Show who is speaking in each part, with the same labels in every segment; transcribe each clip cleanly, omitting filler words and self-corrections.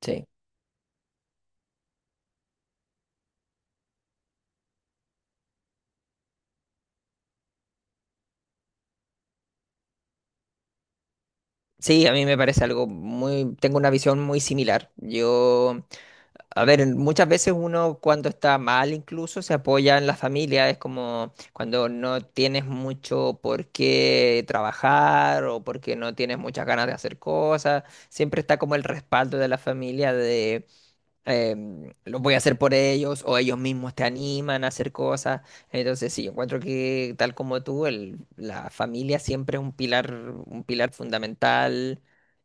Speaker 1: Sí. Sí, a mí me parece algo tengo una visión muy similar. Yo, a ver, muchas veces uno cuando está mal incluso se apoya en la familia, es como cuando no tienes mucho por qué trabajar o porque no tienes muchas ganas de hacer cosas, siempre está como el respaldo de la familia los voy a hacer por ellos o ellos mismos te animan a hacer cosas. Entonces, sí, encuentro que tal como tú, la familia siempre es un pilar fundamental.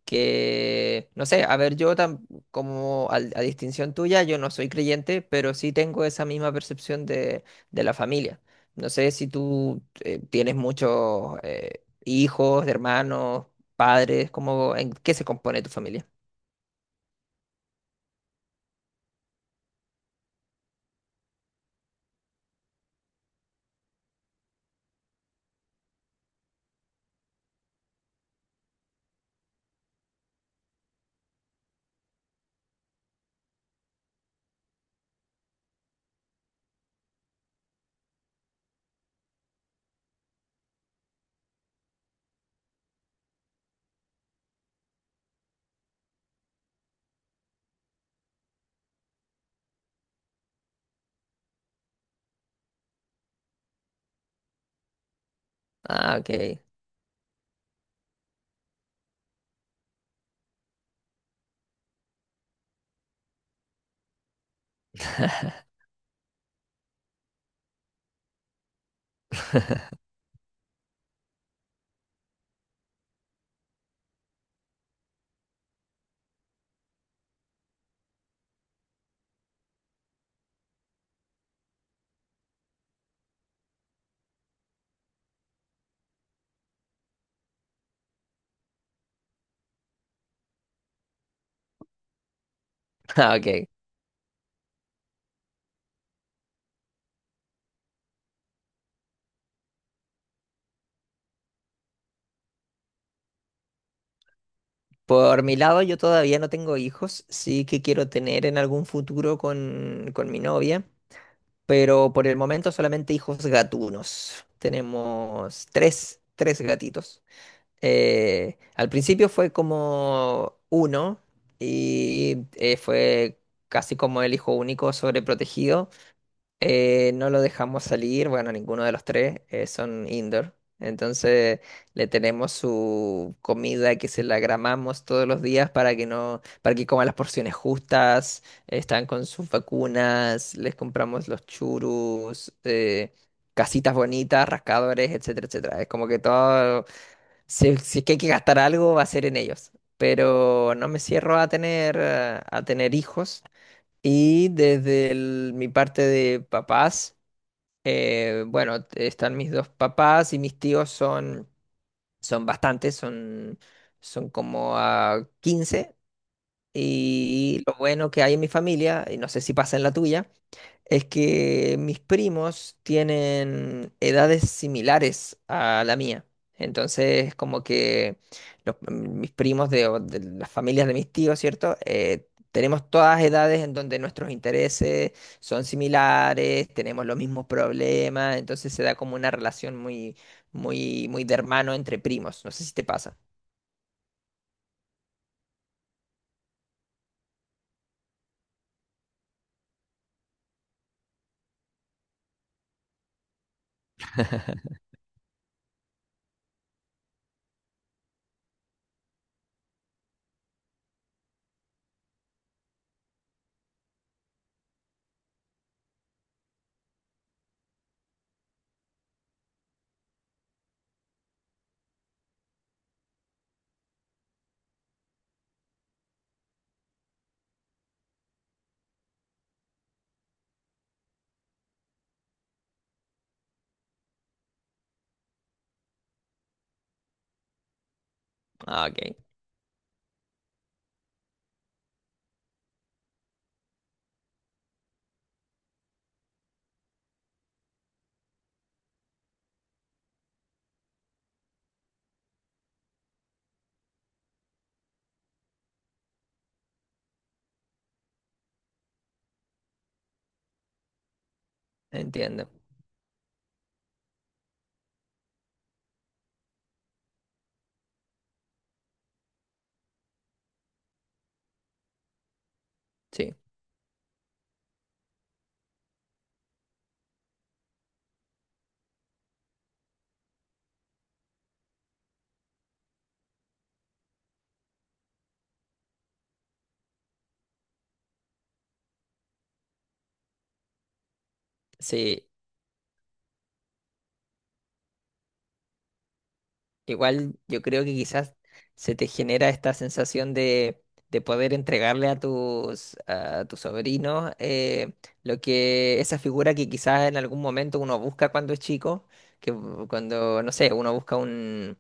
Speaker 1: Que, no sé, a ver, yo tam- como al- a, distinción tuya, yo no soy creyente, pero sí tengo esa misma percepción de la familia. No sé si tú tienes muchos hijos, hermanos, padres, ¿en qué se compone tu familia? Ah, ok. Ah, ok. Por mi lado, yo todavía no tengo hijos, sí que quiero tener en algún futuro con mi novia, pero por el momento solamente hijos gatunos. Tenemos tres gatitos. Al principio fue como uno y fue casi como el hijo único sobreprotegido. No lo dejamos salir, bueno, ninguno de los tres, son indoor. Entonces le tenemos su comida que se la gramamos todos los días para que no, para que coma las porciones justas, están con sus vacunas, les compramos los churus, casitas bonitas, rascadores, etcétera, etcétera. Es como que todo, si es que hay que gastar algo, va a ser en ellos. Pero no me cierro a tener hijos. Y desde mi parte de papás. Bueno, están mis dos papás y mis tíos son, son bastantes, son como a 15. Y lo bueno que hay en mi familia, y no sé si pasa en la tuya, es que mis primos tienen edades similares a la mía. Entonces, como que mis primos o de las familias de mis tíos, ¿cierto? Tenemos todas edades en donde nuestros intereses son similares, tenemos los mismos problemas, entonces se da como una relación muy, muy, muy de hermano entre primos. No sé si te pasa. Ah, ok. Entiendo. Sí. Sí. Igual yo creo que quizás se te genera esta sensación de poder entregarle a tus sobrinos lo que esa figura que quizás en algún momento uno busca cuando es chico, que cuando, no sé, uno busca un,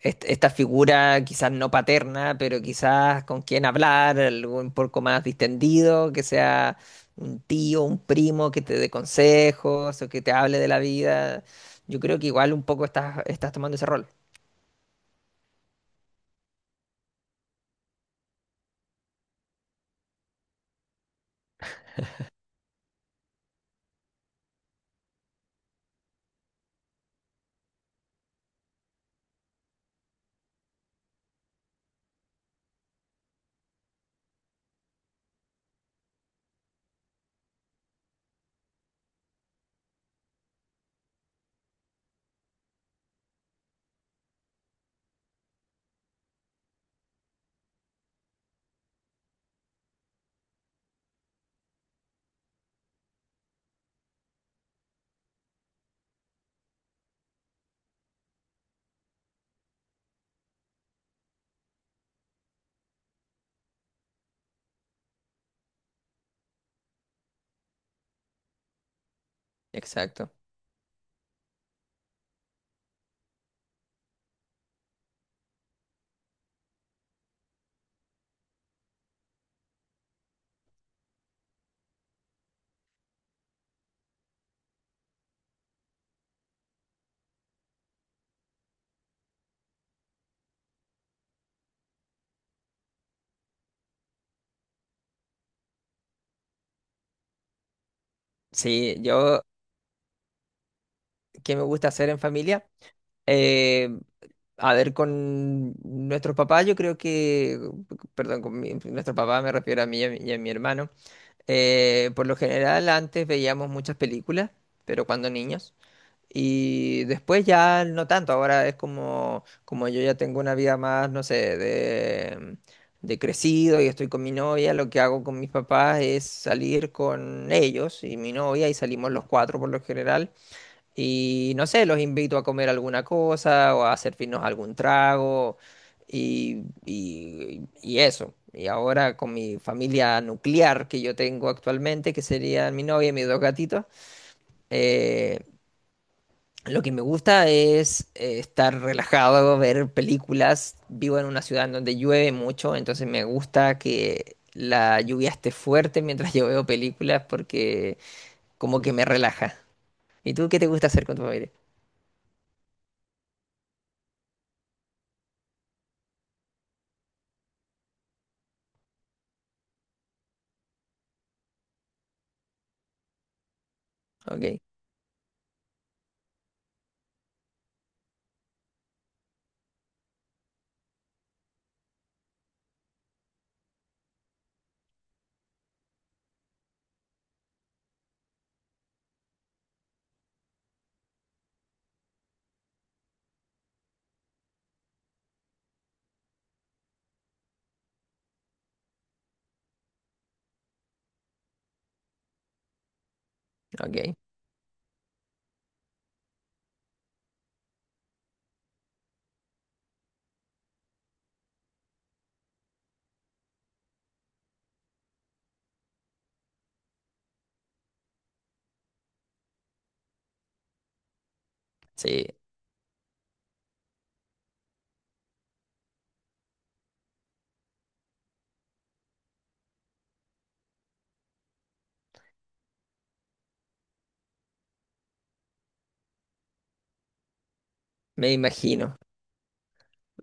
Speaker 1: est- esta figura quizás no paterna, pero quizás con quien hablar, algo un poco más distendido, que sea un tío, un primo que te dé consejos o que te hable de la vida. Yo creo que igual un poco estás tomando ese rol. Exacto. Sí, yo, ¿qué me gusta hacer en familia? Eh, a ver, con nuestros papás, yo creo que, perdón, con nuestro papá me refiero a mí y y a mi hermano. Por lo general, antes veíamos muchas películas, pero cuando niños. Y después ya no tanto, ahora es como, como yo ya tengo una vida más, no sé, de crecido y estoy con mi novia, lo que hago con mis papás es salir con ellos y mi novia y salimos los cuatro por lo general. Y no sé, los invito a comer alguna cosa o a servirnos algún trago y eso. Y ahora con mi familia nuclear que yo tengo actualmente, que serían mi novia y mis dos gatitos, eh, lo que me gusta es estar relajado, ver películas. Vivo en una ciudad en donde llueve mucho, entonces me gusta que la lluvia esté fuerte mientras yo veo películas porque como que me relaja. ¿Y tú qué te gusta hacer con tu familia? Ok, ok. Sí, me imagino.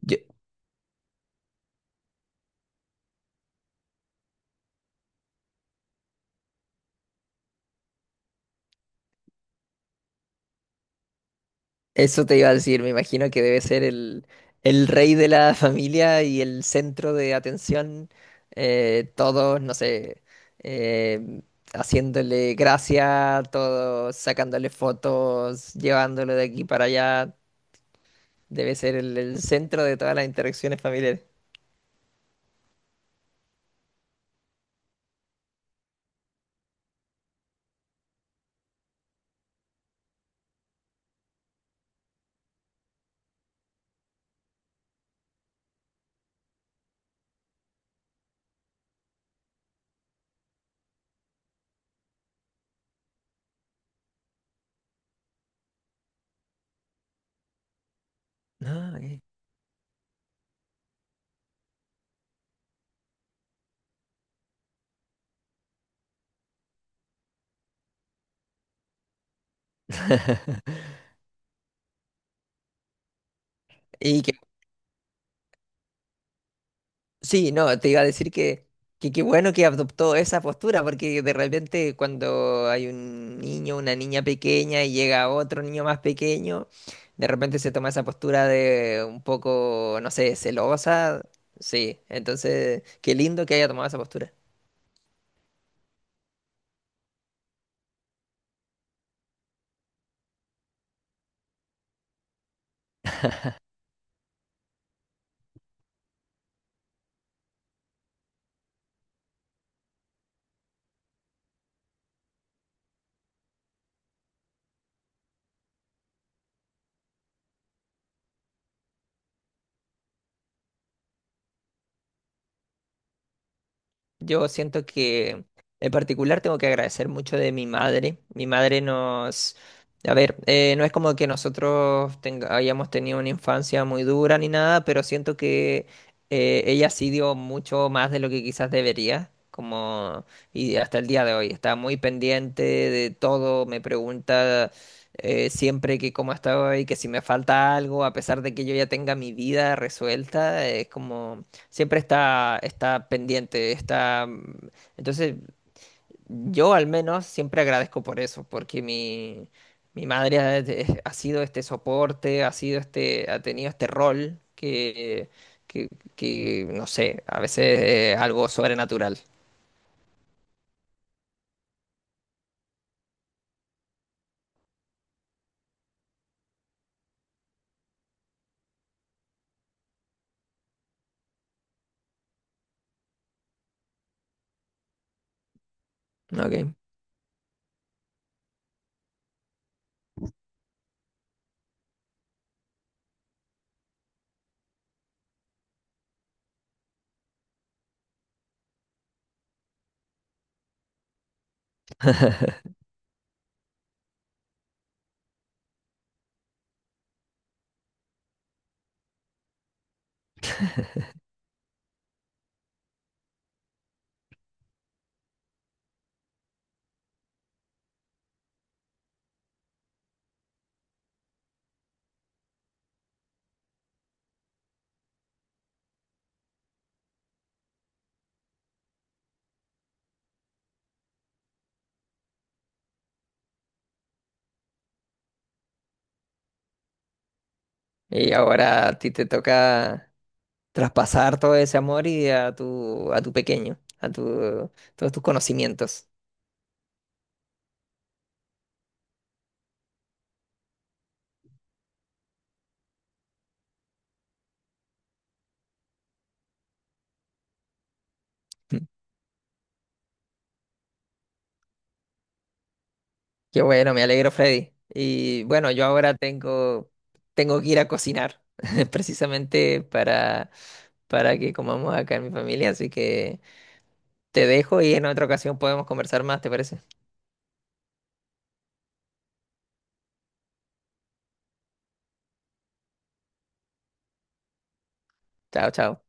Speaker 1: Yo- Eso te iba a decir, me imagino que debe ser el rey de la familia y el centro de atención. Todos, no sé, eh, haciéndole gracia, todos sacándole fotos, llevándolo de aquí para allá. Debe ser el centro de todas las interacciones familiares. Ah, ok. Y que Sí, no, te iba a decir que qué bueno que adoptó esa postura, porque de repente cuando hay un niño, una niña pequeña y llega otro niño más pequeño, de repente se toma esa postura de un poco, no sé, celosa. Sí, entonces, qué lindo que haya tomado esa postura. Yo siento que en particular tengo que agradecer mucho de mi madre. Mi madre nos, a ver, no es como que nosotros hayamos tenido una infancia muy dura ni nada, pero siento que ella sí dio mucho más de lo que quizás debería. Como, y hasta el día de hoy está muy pendiente de todo, me pregunta siempre que cómo estoy, que si me falta algo, a pesar de que yo ya tenga mi vida resuelta, es como siempre está pendiente, está, entonces, yo al menos siempre agradezco por eso, porque mi madre ha, ha sido este soporte, ha sido este, ha tenido este rol que, que, no sé, a veces es algo sobrenatural, ¿ok? Y ahora a ti te toca traspasar todo ese amor y a tu pequeño, a tu, todos tus conocimientos. Qué bueno, me alegro, Freddy. Y bueno, yo ahora tengo que ir a cocinar, precisamente para que comamos acá en mi familia. Así que te dejo y en otra ocasión podemos conversar más, ¿te parece? Chao, chao.